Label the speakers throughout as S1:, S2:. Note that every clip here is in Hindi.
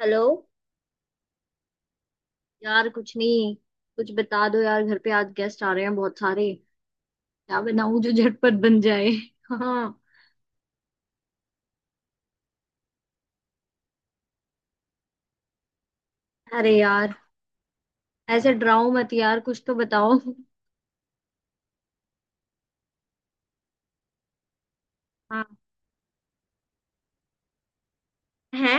S1: हेलो। यार कुछ नहीं, कुछ बता दो यार। घर पे आज गेस्ट आ रहे हैं बहुत सारे। क्या बनाऊं जो झटपट बन जाए? हाँ। अरे यार, ऐसे डराओ मत यार, कुछ तो बताओ। हाँ। है।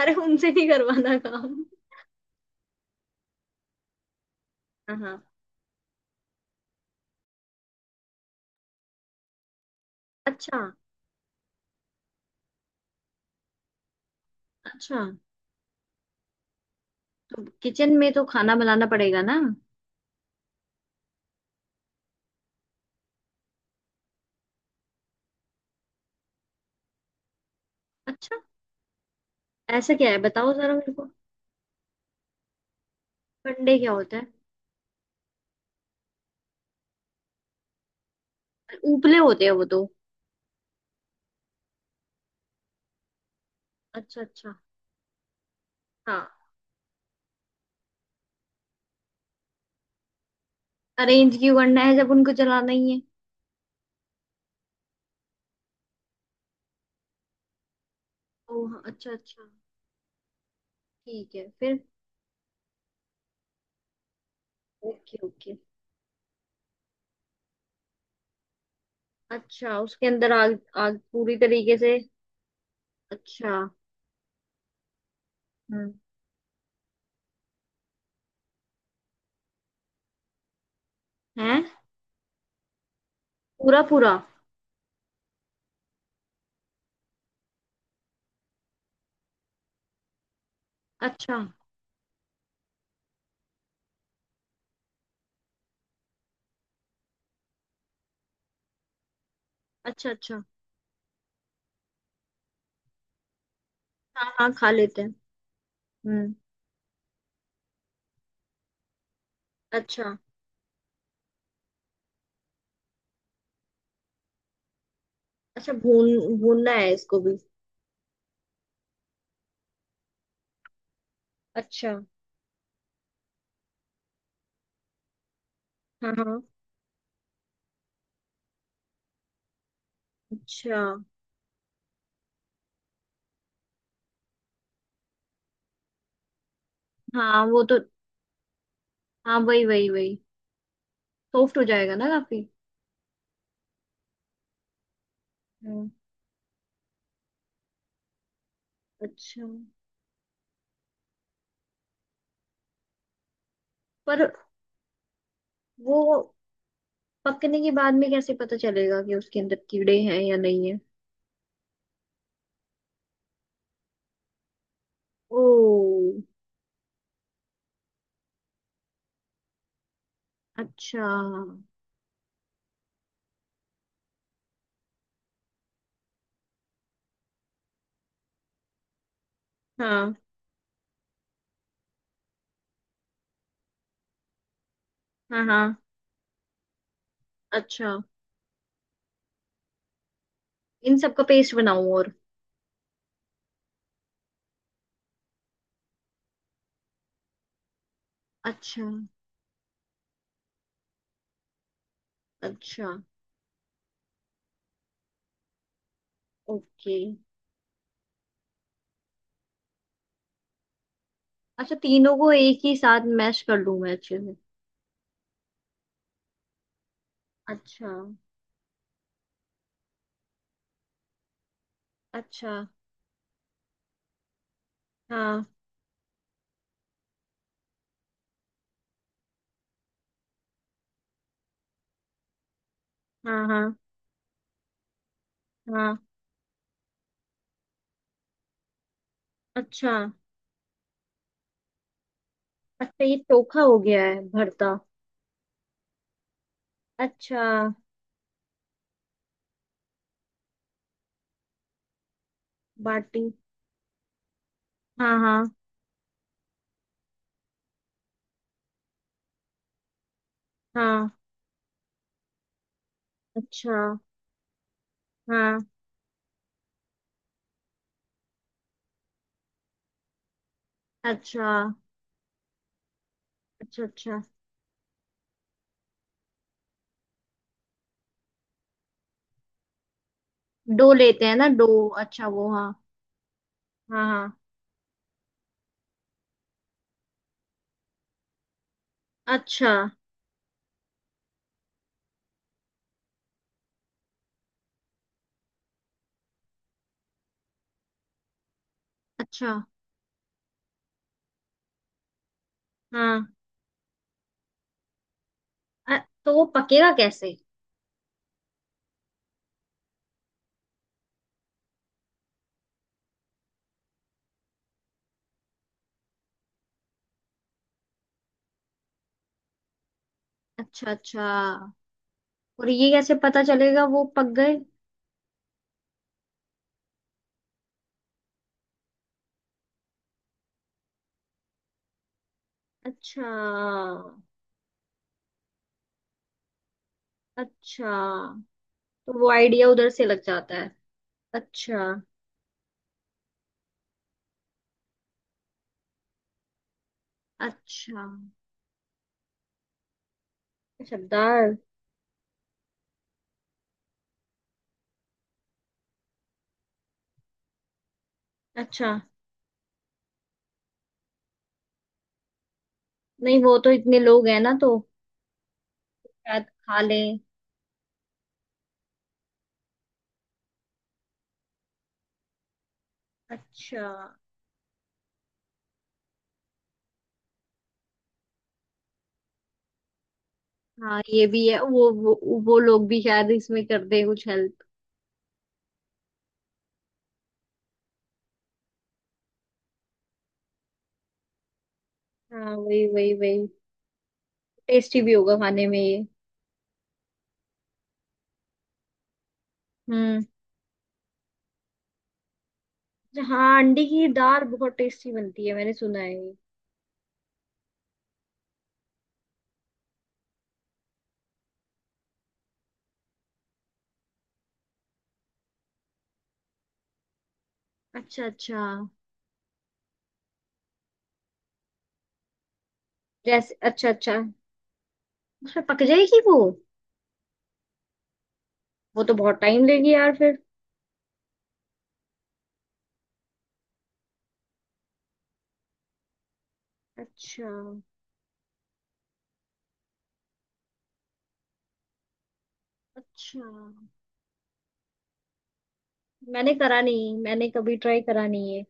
S1: अरे उनसे नहीं करवाना काम। हाँ हाँ। अच्छा। अच्छा, तो किचन में तो खाना बनाना पड़ेगा ना? अच्छा, ऐसा क्या है बताओ जरा मेरे को। अंडे क्या होता है? उपले होते हैं वो तो। अच्छा अच्छा। हाँ, अरेंज क्यों करना है जब उनको चलाना ही है? ओह अच्छा अच्छा, ठीक है फिर। Okay okay. अच्छा, उसके अंदर आग? आग पूरी तरीके से? अच्छा। हम्म। है। पूरा पूरा? अच्छा। अच्छा, अच्छा। हाँ हाँ, खा लेते हैं। हम्म। अच्छा। अच्छा, भून भूनना है इसको भी? अच्छा। हाँ हाँ। अच्छा। हाँ वो तो। हाँ, वही वही वही। सॉफ्ट हो जाएगा ना काफी। हम्म। अच्छा। पर वो पकने के बाद में कैसे पता चलेगा कि उसके अंदर कीड़े हैं या नहीं है? ओ। अच्छा। हाँ हाँ। हाँ। अच्छा, इन सब का पेस्ट बनाऊं? और अच्छा। अच्छा। ओके। अच्छा, तीनों को एक ही साथ मैश कर लूं मैं अच्छे से? अच्छा। अच्छा। हाँ। हाँ हाँ। हाँ। अच्छा। अच्छा, ये चोखा हो गया है भरता? अच्छा। बाटी? हाँ हाँ। हाँ। अच्छा। हाँ। अच्छा। अच्छा। अच्छा, डो लेते हैं ना डो, अच्छा वो। हाँ। हाँ हाँ। अच्छा। अच्छा। हाँ। अ- तो वो पकेगा कैसे? अच्छा अच्छा। और ये कैसे पता चलेगा वो पक गए? अच्छा। अच्छा, तो वो आइडिया उधर से लग जाता है। अच्छा। अच्छा। शब्दार। अच्छा। नहीं, वो तो इतने लोग हैं ना, तो शायद खा लें। अच्छा। हाँ ये भी है। वो वो लोग भी शायद इसमें कर दे कुछ हेल्प। हाँ, वही वही वही। टेस्टी भी होगा खाने में ये। हम्म। हाँ अंडे की दाल बहुत टेस्टी बनती है मैंने सुना है ये। अच्छा अच्छा। जैसे अच्छा अच्छा। उसमें पक जाएगी वो? वो तो बहुत टाइम लेगी यार फिर। अच्छा। अच्छा। मैंने करा नहीं, मैंने कभी ट्राई करा नहीं है।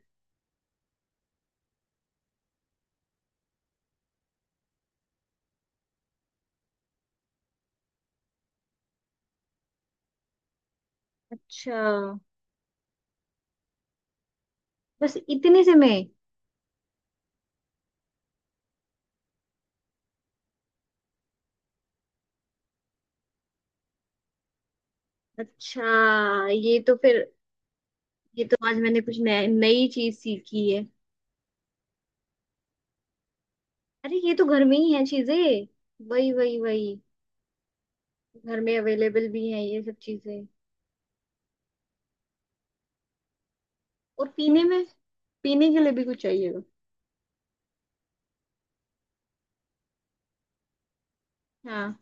S1: अच्छा। बस इतने से मैं? अच्छा। ये तो फिर, ये तो आज मैंने कुछ नया- नई चीज सीखी है। अरे ये तो घर में ही है चीजें। वही वही वही। घर में अवेलेबल भी हैं ये सब चीजें। और पीने में? पीने के लिए भी कुछ चाहिएगा। हाँ।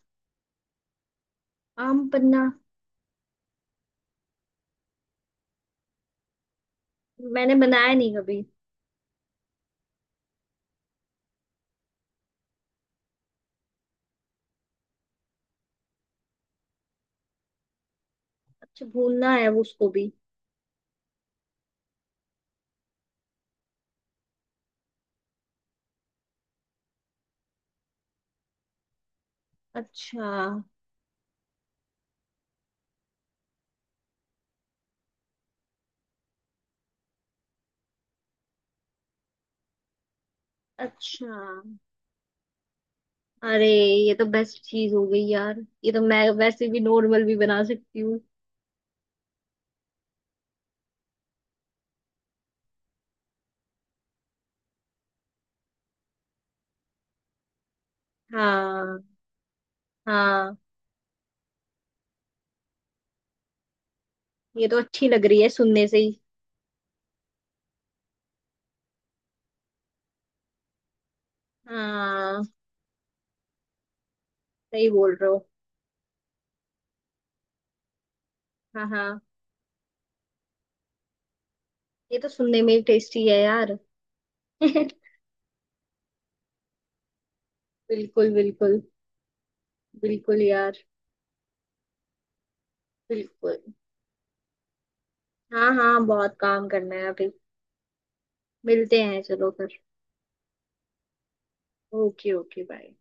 S1: आम पन्ना? मैंने बनाया नहीं कभी। अच्छा, भूनना है वो उसको भी? अच्छा। अच्छा। अरे ये तो बेस्ट चीज हो गई यार, ये तो मैं वैसे भी नॉर्मल भी बना सकती हूँ। हाँ हाँ। ये तो अच्छी लग रही है सुनने से ही। हाँ, सही बोल रहे हो। हाँ हाँ। ये तो सुनने में ही टेस्टी है यार। बिल्कुल बिल्कुल। बिल्कुल यार। बिल्कुल। हाँ हाँ, बहुत काम करना है अभी। मिलते हैं चलो फिर। Okay okay bye.